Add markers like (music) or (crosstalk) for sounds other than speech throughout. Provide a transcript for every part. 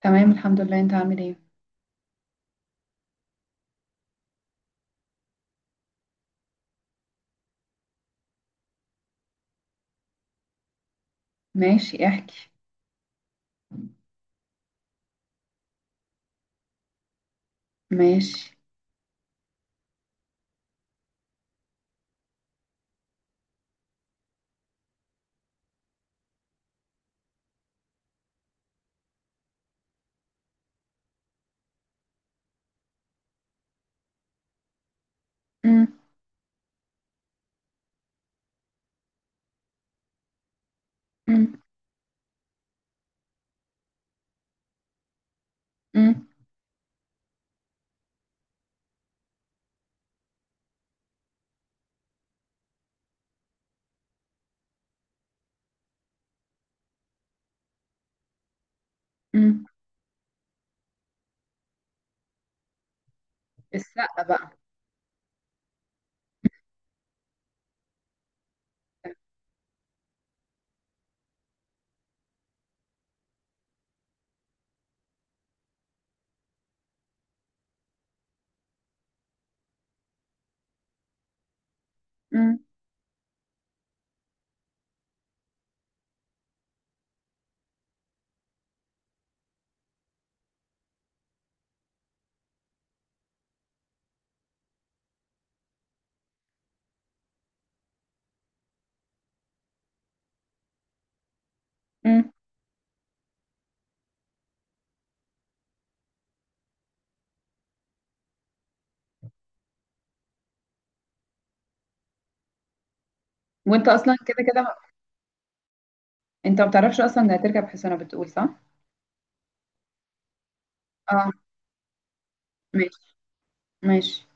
تمام، الحمد لله. انت عامل ايه؟ ماشي، احكي. ماشي. أم. أم. أم. أم. السقة بقى. أم. أم. وانت اصلا كده كده، انت ما بتعرفش اصلا ده هتركب حصانة، بتقول صح. اه. ماشي. ماشي.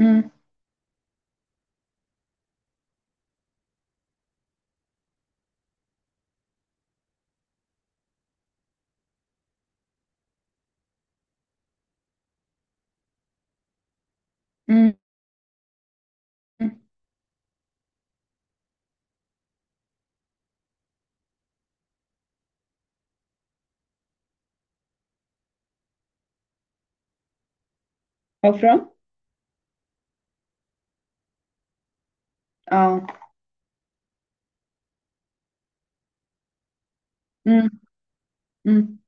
أم. أم. أم. حفرة. اه. أم. أم.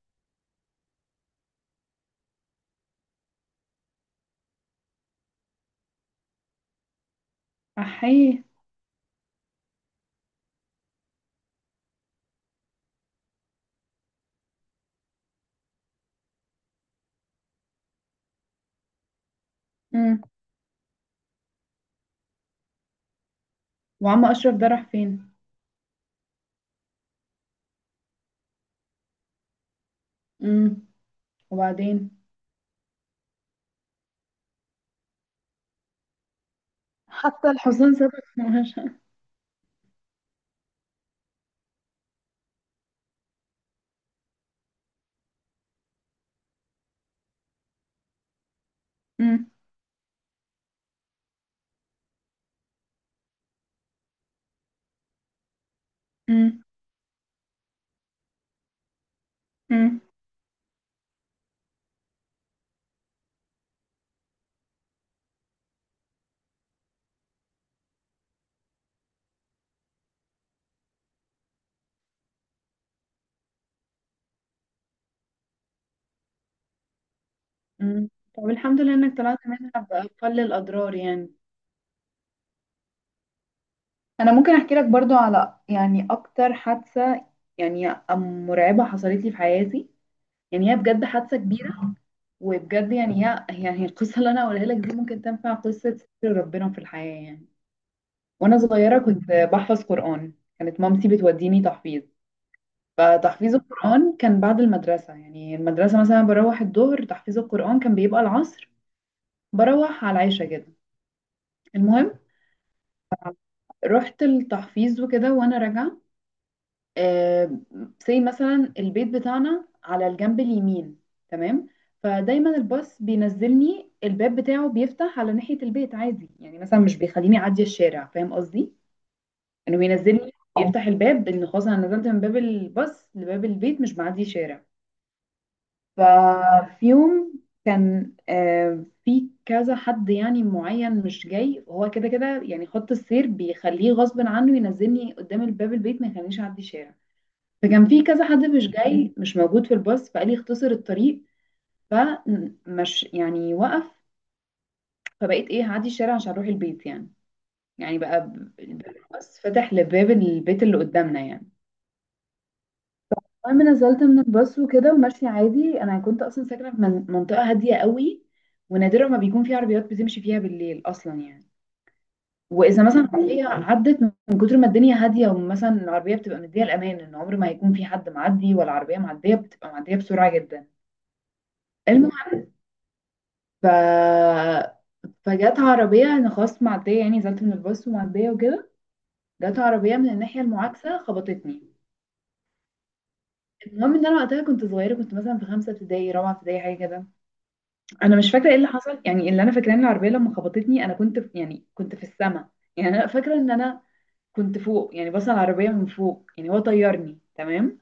احيي. أم. وعم اشرف ده راح فين؟ أم. وبعدين؟ حتى الحصان سابك في مهاجة. أم. أم. أم. أم. طب الحمد لله انك طلعت منها بأقل الاضرار يعني. انا ممكن احكي لك برضو على يعني اكتر حادثة، يعني مرعبة حصلت لي في حياتي. يعني هي بجد حادثة كبيرة. وبجد يعني هي يعني القصة اللي انا هقولها لك دي ممكن تنفع قصة ستر ربنا في الحياة يعني. وانا صغيرة كنت بحفظ قرآن. كانت مامتي بتوديني تحفيظ. فتحفيظ القرآن كان بعد المدرسة، يعني المدرسة مثلا بروح الظهر، تحفيظ القرآن كان بيبقى العصر، بروح على العشاء كده. المهم، رحت التحفيظ وكده وانا راجعة. آه، زي مثلا البيت بتاعنا على الجنب اليمين. تمام. فدايما الباص بينزلني، الباب بتاعه بيفتح على ناحية البيت عادي، يعني مثلا مش بيخليني اعدي الشارع، فاهم قصدي؟ انه بينزلني يفتح الباب ان خلاص انا نزلت من باب الباص لباب البيت، مش بعدي شارع. ففي يوم كان في كذا حد يعني معين مش جاي، هو كده كده يعني، خط السير بيخليه غصب عنه ينزلني قدام الباب البيت، ما يخلينيش اعدي شارع. فكان في كذا حد مش جاي مش موجود في الباص، فقال لي اختصر الطريق. فمش يعني وقف. فبقيت ايه هعدي الشارع عشان اروح البيت يعني. يعني بقى الباص فتح لباب البيت اللي قدامنا يعني. المهم، نزلت من الباص وكده وماشية عادي. انا كنت اصلا ساكنة في منطقة هادية قوي. ونادرا ما بيكون في عربيات بتمشي فيها بالليل اصلا يعني. واذا مثلا عربية عدت، من كتر ما الدنيا هادية، ومثلا العربية بتبقى مدية الامان ان عمر ما هيكون في حد معدي ولا عربية معدية، بتبقى معدية بسرعة جدا. المهم ف... فجت عربية، أنا خلاص معدية يعني، نزلت من الباص ومعدية وكده. جت عربية من الناحية المعاكسة خبطتني. المهم ان انا وقتها كنت صغيره، كنت مثلا في خمسه ابتدائي رابعه ابتدائي حاجه كده. انا مش فاكره ايه اللي حصل يعني. اللي انا فاكراه ان العربيه لما خبطتني انا كنت في، يعني كنت في السما. يعني انا فاكره ان انا كنت فوق يعني، بس على العربيه من فوق، يعني هو طيرني. تمام.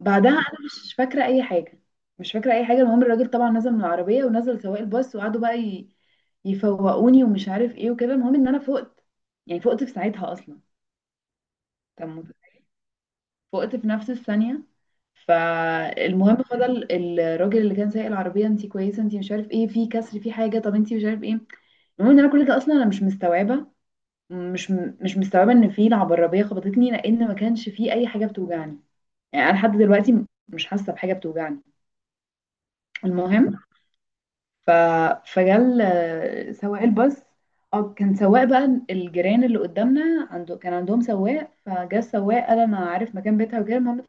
بعدها انا مش فاكره اي حاجه. مش فاكره اي حاجه. المهم الراجل طبعا نزل من العربيه، ونزل سواق الباص، وقعدوا بقى يفوقوني ومش عارف ايه وكده. المهم ان انا فقت يعني. فقت في ساعتها اصلا. طب فقت في نفس الثانيه. فالمهم فضل الراجل اللي كان سايق العربيه، انت كويسه؟ انت مش عارف ايه في كسر في حاجه؟ طب انت مش عارف ايه. المهم ان انا كل ده اصلا انا مش مستوعبه. مش مش مستوعبه ان في العربيه خبطتني، لان ما كانش في اي حاجه بتوجعني. يعني انا لحد دلوقتي مش حاسه بحاجه بتوجعني. المهم ف... فجال سواق الباص. اه كان سواق بقى الجيران اللي قدامنا عنده، كان عندهم سواق، فجا السواق قال انا عارف مكان بيتها وكده. المهم،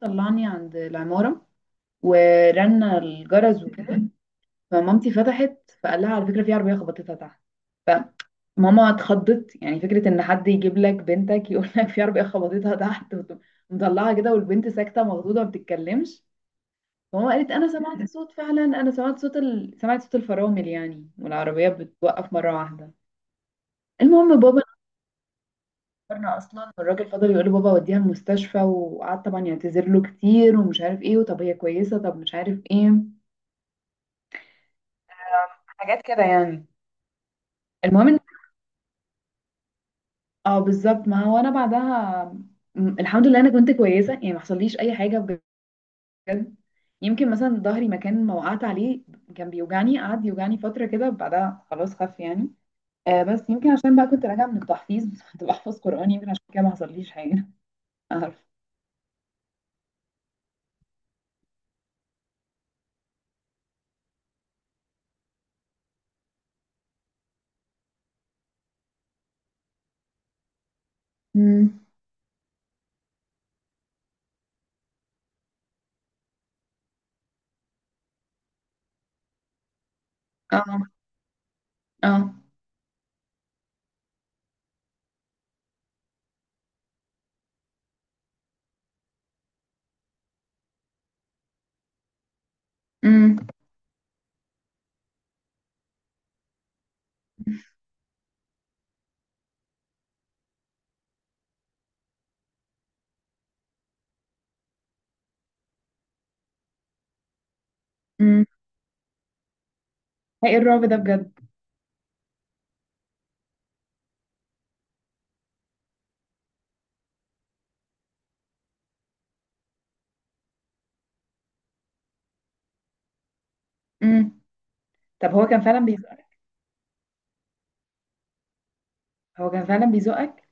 طلعني عند العمارة، ورنا الجرس وكده. فمامتي فتحت، فقال لها على فكرة في عربية خبطتها تحت. فماما اتخضت يعني، فكرة ان حد يجيب لك بنتك يقول لك في عربية خبطتها تحت مطلعها كده، والبنت ساكتة مخضوضة ما بتتكلمش. ماما قالت انا سمعت (laughs) صوت، فعلا انا سمعت صوت سمعت صوت الفرامل يعني، والعربيات بتوقف مره واحده. المهم بابا نورنا اصلا، والراجل فضل يقول له، بابا وديها المستشفى، وقعد طبعا يعتذر له كتير ومش عارف ايه، وطب هي كويسه، طب مش عارف ايه، حاجات كده يعني. المهم اه بالظبط. ما هو انا بعدها الحمد لله انا كنت كويسه، يعني ما حصليش اي حاجه بجد. يمكن مثلا ظهري مكان ما وقعت عليه كان بيوجعني، قعد يوجعني فتره كده بعدها خلاص خف يعني. بس يمكن عشان بقى كنت راجعة من التحفيظ (laughs) كنت بحفظ قرآن، يمكن عشان كده ما حصليش حاجة. (laughs) عارف. امم. اه. اه. امم. امم. ايه الرعب ده بجد. امم. طب هو كان فعلا بيزقك؟ هو كان فعلا بيزقك؟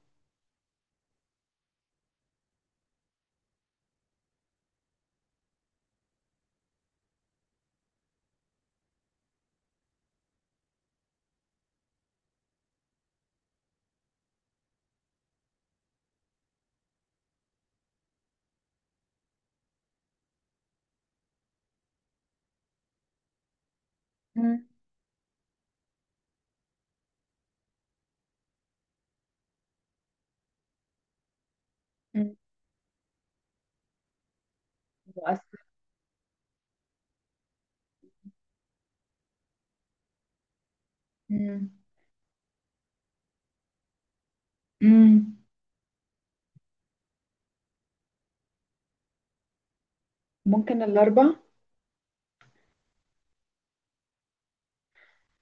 امم. مؤثر. امم. امم. ممكن الأربع.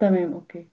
تمام، أوكي.